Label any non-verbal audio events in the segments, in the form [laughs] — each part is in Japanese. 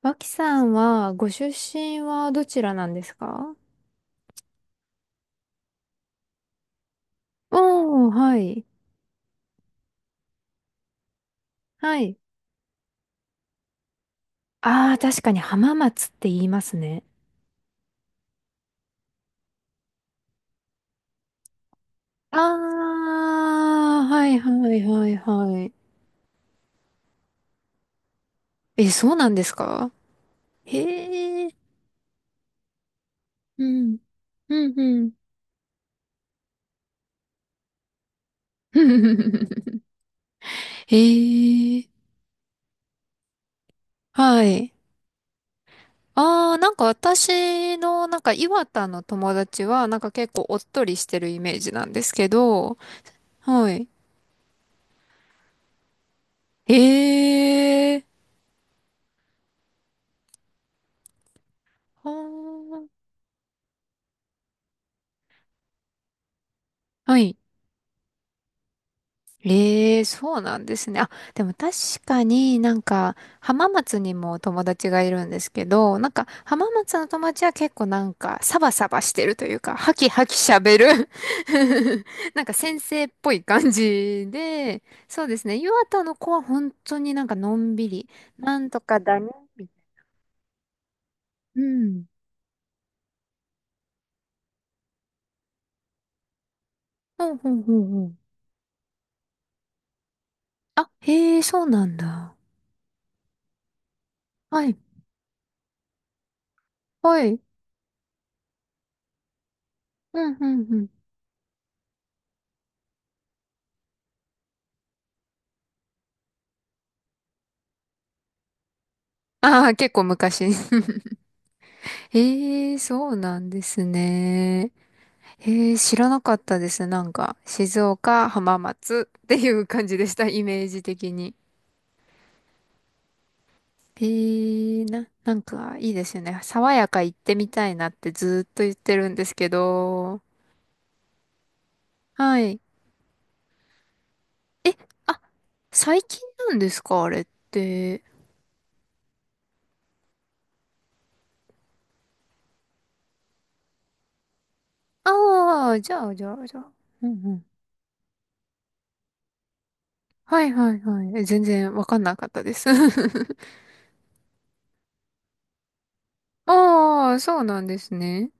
脇さんは、ご出身はどちらなんですか？おー、はい。はい。ああ、確かに浜松って言いますね。ああ、はいはいはいはい。え、そうなんですか？へえ、うん、うんうん。[laughs] へえ、はい。ああ、なんか私の、なんか岩田の友達は、なんか結構おっとりしてるイメージなんですけど、はい。へえ、はーはい。ええ、そうなんですね。あ、でも確かになんか浜松にも友達がいるんですけど、なんか浜松の友達は結構なんかサバサバしてるというか、ハキハキ喋る。 [laughs] なんか先生っぽい感じで、そうですね。岩田の子は本当になんかのんびり、なんとかだね、みたいな。うん。ほうほうほうほう。あ、へえ、そうなんだ。はい。はい。うん、うん、うん。ああ、結構昔。[laughs] ええ、そうなんですね。ええ、知らなかったです。なんか、静岡、浜松っていう感じでした、イメージ的に。ええ、なんか、いいですよね。爽やか行ってみたいなってずっと言ってるんですけど。はい。え、あ、最近なんですか、あれって？ああ、じゃあ、じゃあ、じゃあ。うんうん。はいはいはい。全然わかんなかったです。[laughs] ああ、そうなんですね。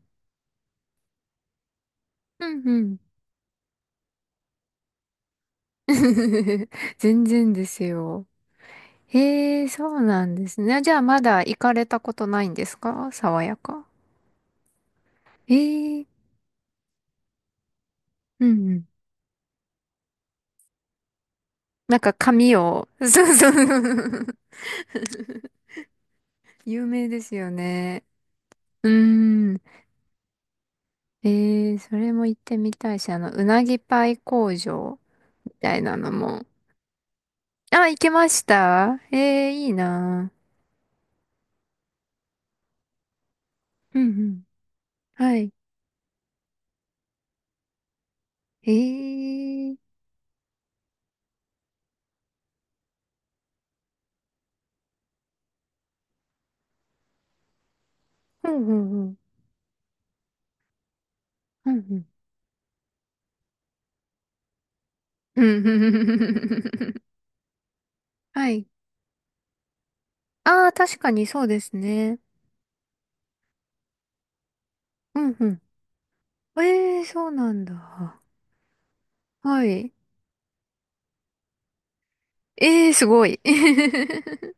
うんうん。[laughs] 全然ですよ。へえ、そうなんですね。じゃあまだ行かれたことないんですか爽やか？ええ、うんうん。なんか髪を、[laughs] そうそう。有名ですよね。うーん。ええ、それも行ってみたいし、うなぎパイ工場みたいなのも。あ、行けました？ええ、いいな。うんうん。はい。ええ、ほうほうほう。うんうん。うんうんうんうんうんうん。はい。ああ、確かにそうですね。うんうん。ええ、そうなんだ。はい。ええ、すごい。[laughs]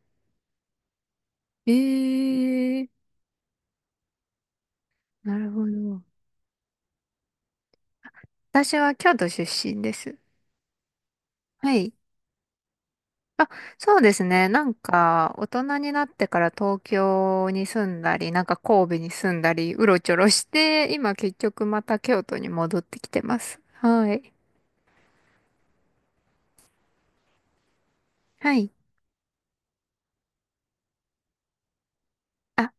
ええ、[laughs] なるほど。私は京都出身です。はい。あ、そうですね。なんか、大人になってから東京に住んだり、なんか神戸に住んだり、うろちょろして、今結局また京都に戻ってきてます。はい。はい。あ、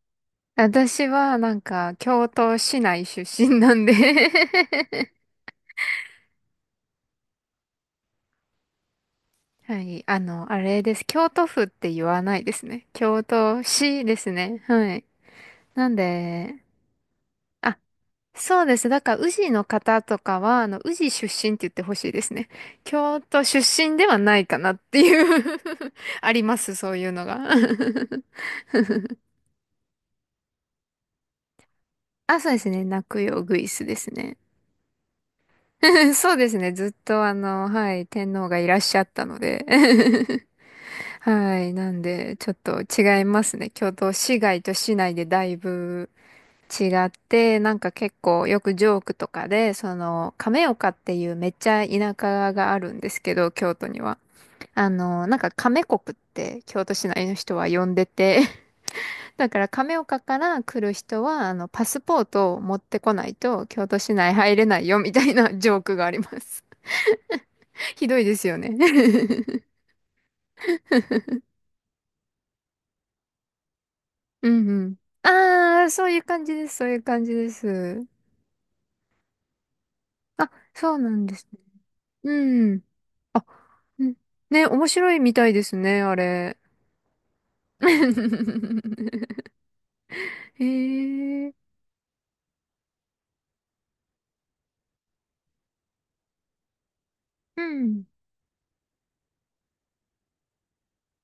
私はなんか、京都市内出身なんで、はい。あの、あれです。京都府って言わないですね。京都市ですね。はい。なんで、あ、そうです。だから、宇治の方とかは、宇治出身って言ってほしいですね。京都出身ではないかなっていう。 [laughs] あります、そういうのが。[laughs] あ、そうですね。泣くよ、グイスですね。[laughs] そうですね。ずっと、はい、天皇がいらっしゃったので。 [laughs] はい。なんで、ちょっと違いますね。京都市外と市内でだいぶ違って、なんか結構よくジョークとかで、亀岡っていうめっちゃ田舎があるんですけど、京都には。なんか亀国って京都市内の人は呼んでて、[laughs] だから亀岡から来る人は、パスポートを持ってこないと京都市内入れないよみたいなジョークがあります。[laughs] ひどいですよね。[laughs] うんうん。ああ、そういう感じです、そういう感じです。あ、そうなんですね。うん。あ、うんね、面白いみたいですね、あれ。[laughs] へえ、うん。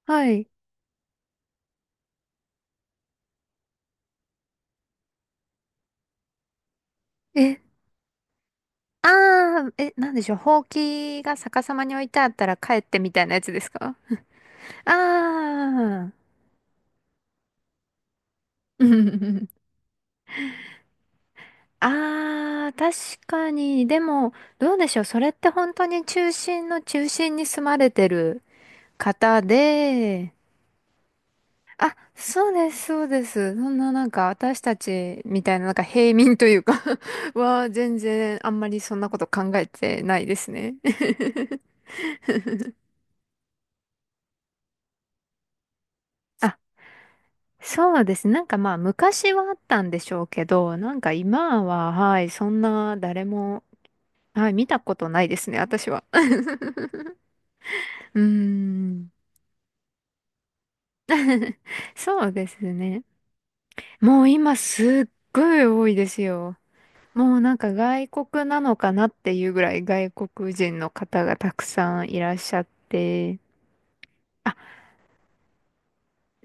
はい。え、ああ、え、なんでしょう、ほうきが逆さまに置いてあったら帰ってみたいなやつですか？ああー。[laughs] ああ、確かに。でも、どうでしょう。それって本当に中心の中心に住まれてる方で、あ、そうです、そうです。そんななんか私たちみたいななんか平民というか、 [laughs] は全然あんまりそんなこと考えてないですね。[laughs] あ、そうですね。なんかまあ昔はあったんでしょうけど、なんか今は、はい、そんな誰も、はい、見たことないですね、私は。[laughs] うーん、そうですね。もう今すっごい多いですよ。もうなんか外国なのかなっていうぐらい外国人の方がたくさんいらっしゃって。あ、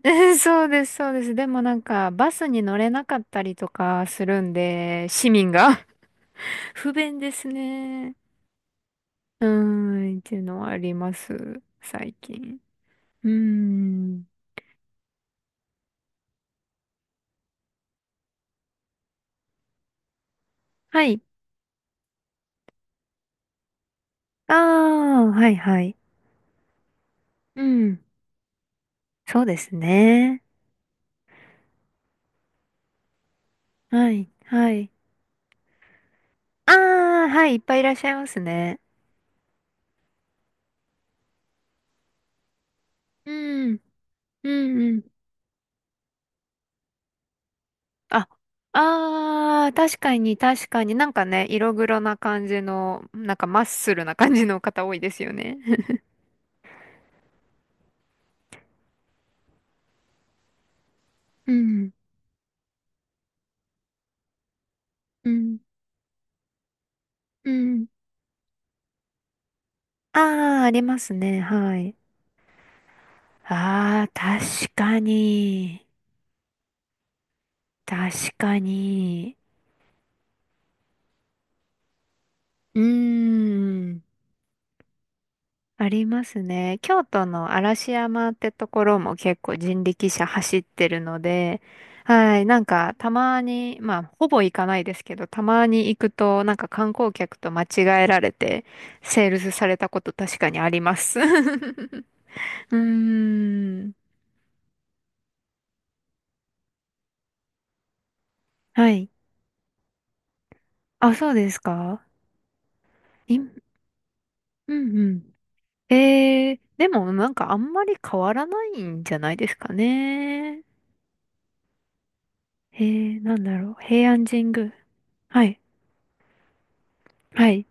[laughs] そうです、そうです。でもなんかバスに乗れなかったりとかするんで、市民が。 [laughs] 不便ですね。うーん、っていうのはあります、最近。うーん。はい。ああ、はいはい。うん。そうですね。はい、はい。ああ、はい、いっぱいいらっしゃいますね。うん、うん、うん。あ、あー、確かに確かになんかね、色黒な感じの、なんかマッスルな感じの方多いですよね。[laughs] うん、うん、うん。あー、ありますね、はい。あー、確かに。確かに。うーん。ありますね。京都の嵐山ってところも結構人力車走ってるので、はい、なんかたまに、まあほぼ行かないですけど、たまに行くとなんか観光客と間違えられてセールスされたこと確かにあります。[laughs] うーん。はい。あ、そうですか？うんうん。でもなんかあんまり変わらないんじゃないですかね。なんだろう。平安神宮。はい。はい。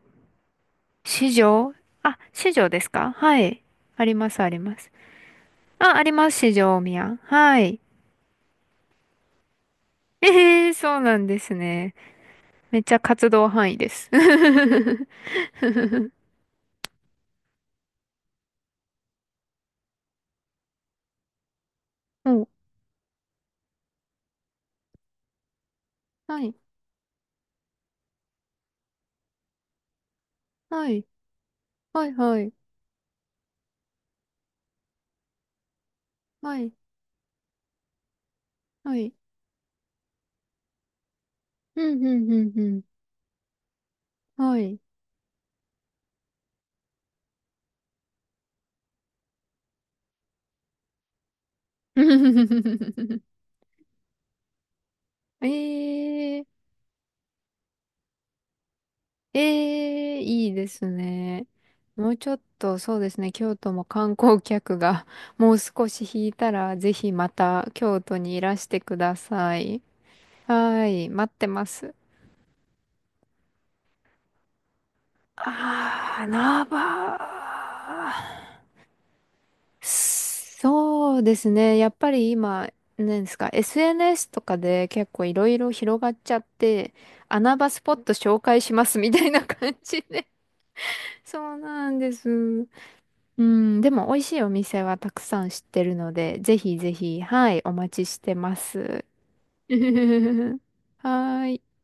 市場。あ、市場ですか？はい。あります、あります。あ、あります、市場大宮。はい。ええー、そうなんですね。めっちゃ活動範囲です。[laughs] お、はい、はい、はい、はい、はい、はい。うん、うん、うん、うん。はい。[laughs] ええええ、いいですね。もうちょっと、そうですね、京都も観光客が [laughs] もう少し引いたら、ぜひまた京都にいらしてください。はい、待ってます。あー、ナバー。そうですね、やっぱり今、何ですか、SNS とかで結構いろいろ広がっちゃって、穴場スポット紹介しますみたいな感じで。そうなんです。うん、でも美味しいお店はたくさん知ってるので、ぜひぜひ、はい、お待ちしてます。[laughs] はーい。